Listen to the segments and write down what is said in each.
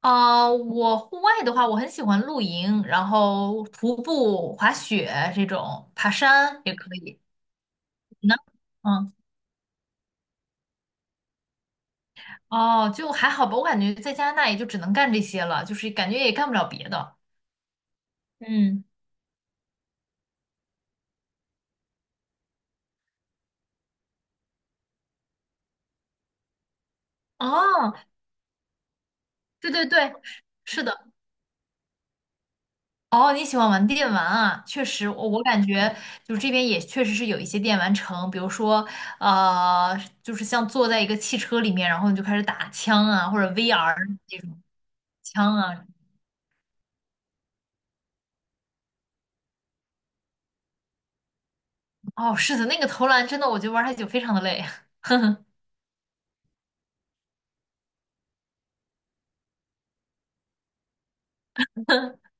我户外的话，我很喜欢露营，然后徒步、滑雪这种，爬山也可以。你呢？嗯，哦，就还好吧，我感觉在加拿大也就只能干这些了，就是感觉也干不了别的。嗯，哦，对对对，是的。哦，你喜欢玩电玩啊？确实，我感觉就是这边也确实是有一些电玩城，比如说，呃，就是像坐在一个汽车里面，然后你就开始打枪啊，或者 VR 那种枪啊。哦，是的，那个投篮真的，我觉得玩太久非常的累，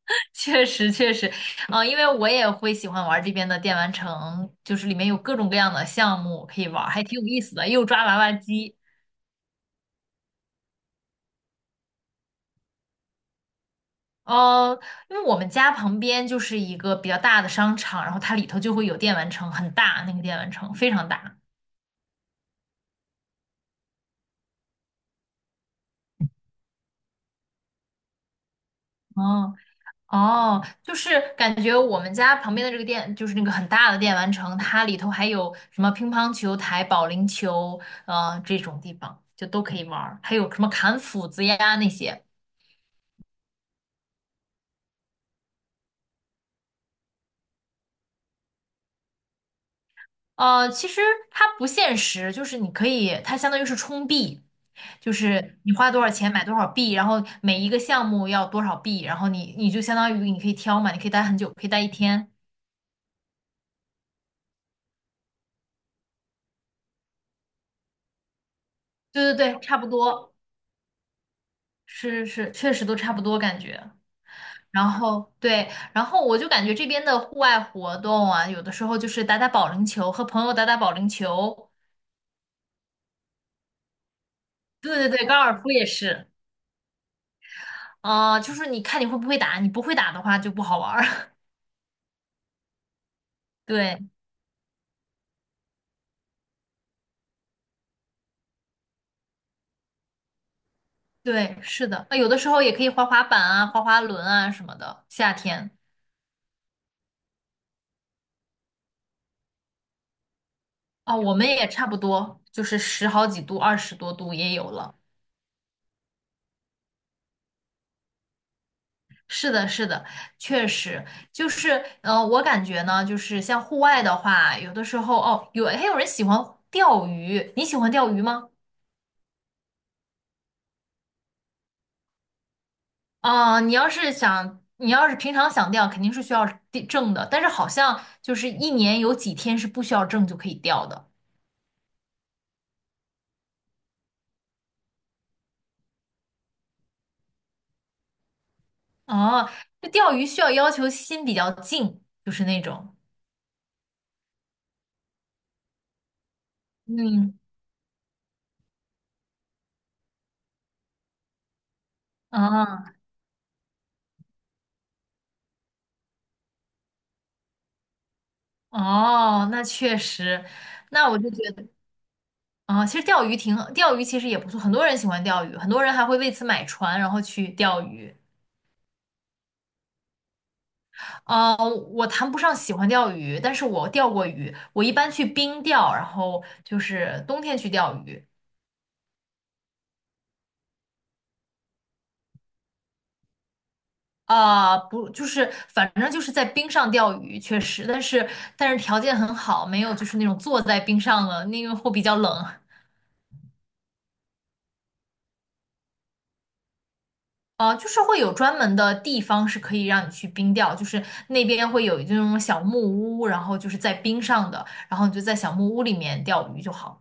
确实确实，啊、因为我也会喜欢玩这边的电玩城，就是里面有各种各样的项目可以玩，还挺有意思的，又抓娃娃机，呃，因为我们家旁边就是一个比较大的商场，然后它里头就会有电玩城，很大，那个电玩城非常大，哦，哦，就是感觉我们家旁边的这个店，就是那个很大的电玩城，它里头还有什么乒乓球台、保龄球，这种地方就都可以玩儿，还有什么砍斧子呀那些。其实它不现实，就是你可以，它相当于是充币，就是你花多少钱买多少币，然后每一个项目要多少币，然后你就相当于你可以挑嘛，你可以待很久，可以待一天。对对对，差不多，是是，确实都差不多感觉。然后对，然后我就感觉这边的户外活动啊，有的时候就是打打保龄球，和朋友打打保龄球。对对对，高尔夫也是。啊、就是你看你会不会打，你不会打的话就不好玩儿。对对，是的，啊，有的时候也可以滑滑板啊、滑滑轮啊什么的。夏天啊、我们也差不多，就是十好几度、二十多度也有了。是的，是的，确实就是，我感觉呢，就是像户外的话，有的时候哦，有还有人喜欢钓鱼，你喜欢钓鱼吗？啊、你要是想，你要是平常想钓，肯定是需要地证的，但是好像就是一年有几天是不需要证就可以钓的。哦，这钓鱼需要要求心比较静，就是那种，嗯，啊，哦，那确实，那我就觉得。啊，其实钓鱼挺，钓鱼其实也不错，很多人喜欢钓鱼，很多人还会为此买船，然后去钓鱼。啊，我谈不上喜欢钓鱼，但是我钓过鱼，我一般去冰钓，然后就是冬天去钓鱼。啊，不，就是反正就是在冰上钓鱼，确实，但是条件很好，没有就是那种坐在冰上了，那个会比较冷。就是会有专门的地方是可以让你去冰钓，就是那边会有这种小木屋，然后就是在冰上的，然后你就在小木屋里面钓鱼就好。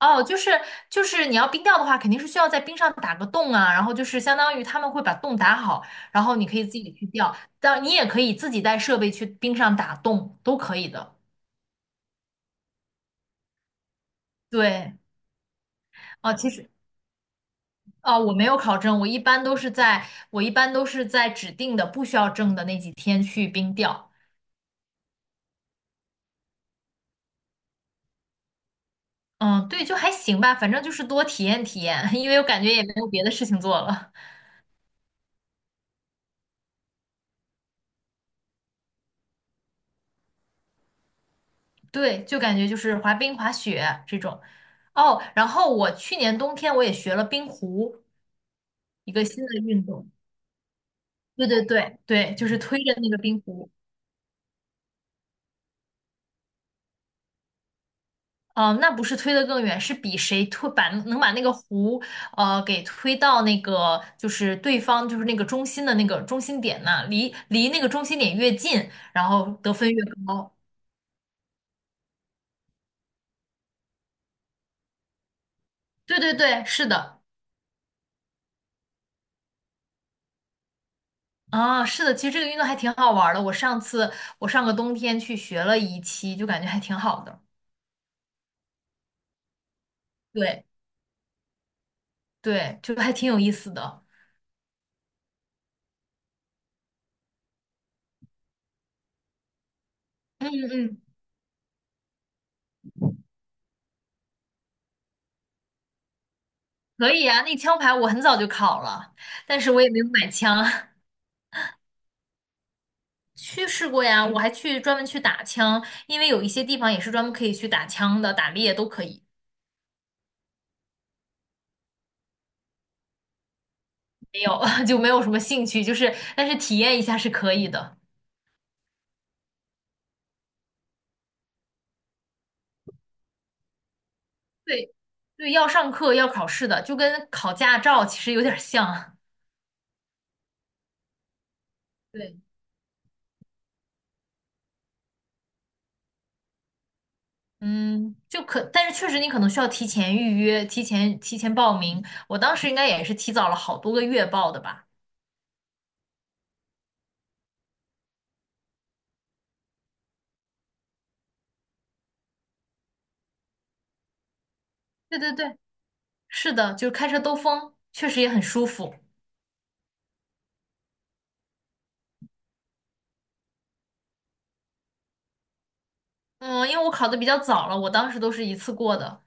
哦，就是你要冰钓的话，肯定是需要在冰上打个洞啊，然后就是相当于他们会把洞打好，然后你可以自己去钓，但你也可以自己带设备去冰上打洞，都可以的。对，哦，其实哦，我没有考证，我一般都是在指定的不需要证的那几天去冰钓。嗯，对，就还行吧，反正就是多体验体验，因为我感觉也没有别的事情做了。对，就感觉就是滑冰、滑雪这种。哦，然后我去年冬天我也学了冰壶，一个新的运动。对对对对，就是推着那个冰壶。哦，那不是推得更远，是比谁推把能把那个壶给推到那个就是对方就是那个中心的那个中心点那，离那个中心点越近，然后得分越高。对对对，是的。啊，是的，其实这个运动还挺好玩儿的。我上个冬天去学了一期，就感觉还挺好的。对对，就还挺有意思的。嗯嗯，可以啊。那枪牌我很早就考了，但是我也没有买枪。去试过呀，我还去专门去打枪，因为有一些地方也是专门可以去打枪的，打猎都可以。没有，就没有什么兴趣，就是但是体验一下是可以的。对对，要上课要考试的，就跟考驾照其实有点儿像。对。嗯，就可，但是确实你可能需要提前预约、提前报名。我当时应该也是提早了好多个月报的吧？对对对，是的，就是开车兜风，确实也很舒服。嗯，因为我考的比较早了，我当时都是一次过的。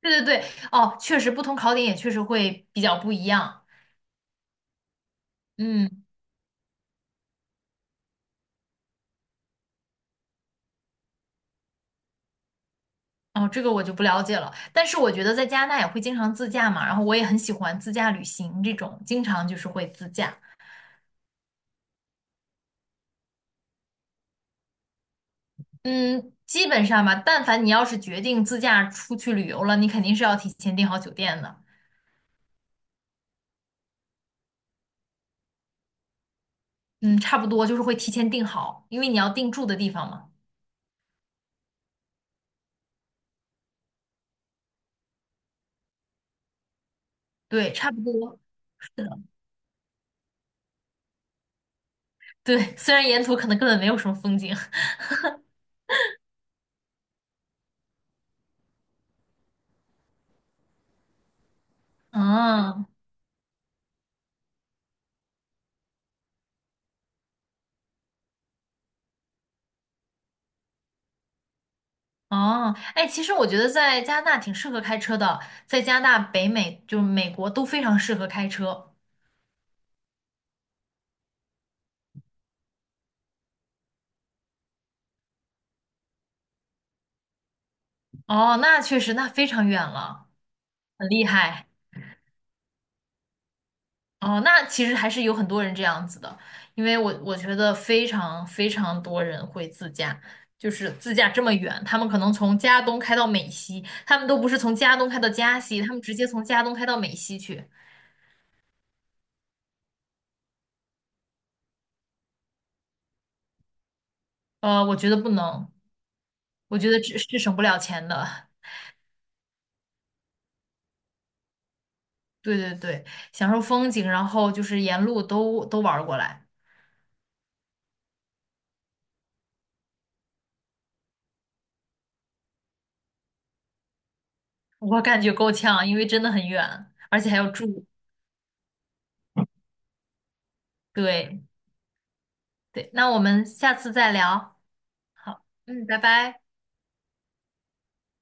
对对对，哦，确实不同考点也确实会比较不一样。嗯，哦，这个我就不了解了。但是我觉得在加拿大也会经常自驾嘛，然后我也很喜欢自驾旅行这种，经常就是会自驾。嗯，基本上吧，但凡你要是决定自驾出去旅游了，你肯定是要提前订好酒店的。嗯，差不多就是会提前订好，因为你要定住的地方嘛。对，差不多。是的。对，虽然沿途可能根本没有什么风景。嗯，哦，哎，其实我觉得在加拿大挺适合开车的，在加拿大、北美就是美国都非常适合开车。哦，那确实，那非常远了，很厉害。哦，那其实还是有很多人这样子的，因为我觉得非常非常多人会自驾，就是自驾这么远，他们可能从加东开到美西，他们都不是从加东开到加西，他们直接从加东开到美西去。我觉得不能，我觉得这是省不了钱的。对对对，享受风景，然后就是沿路都玩儿过来，我感觉够呛，因为真的很远，而且还要住。对对，那我们下次再聊。好，嗯，拜拜。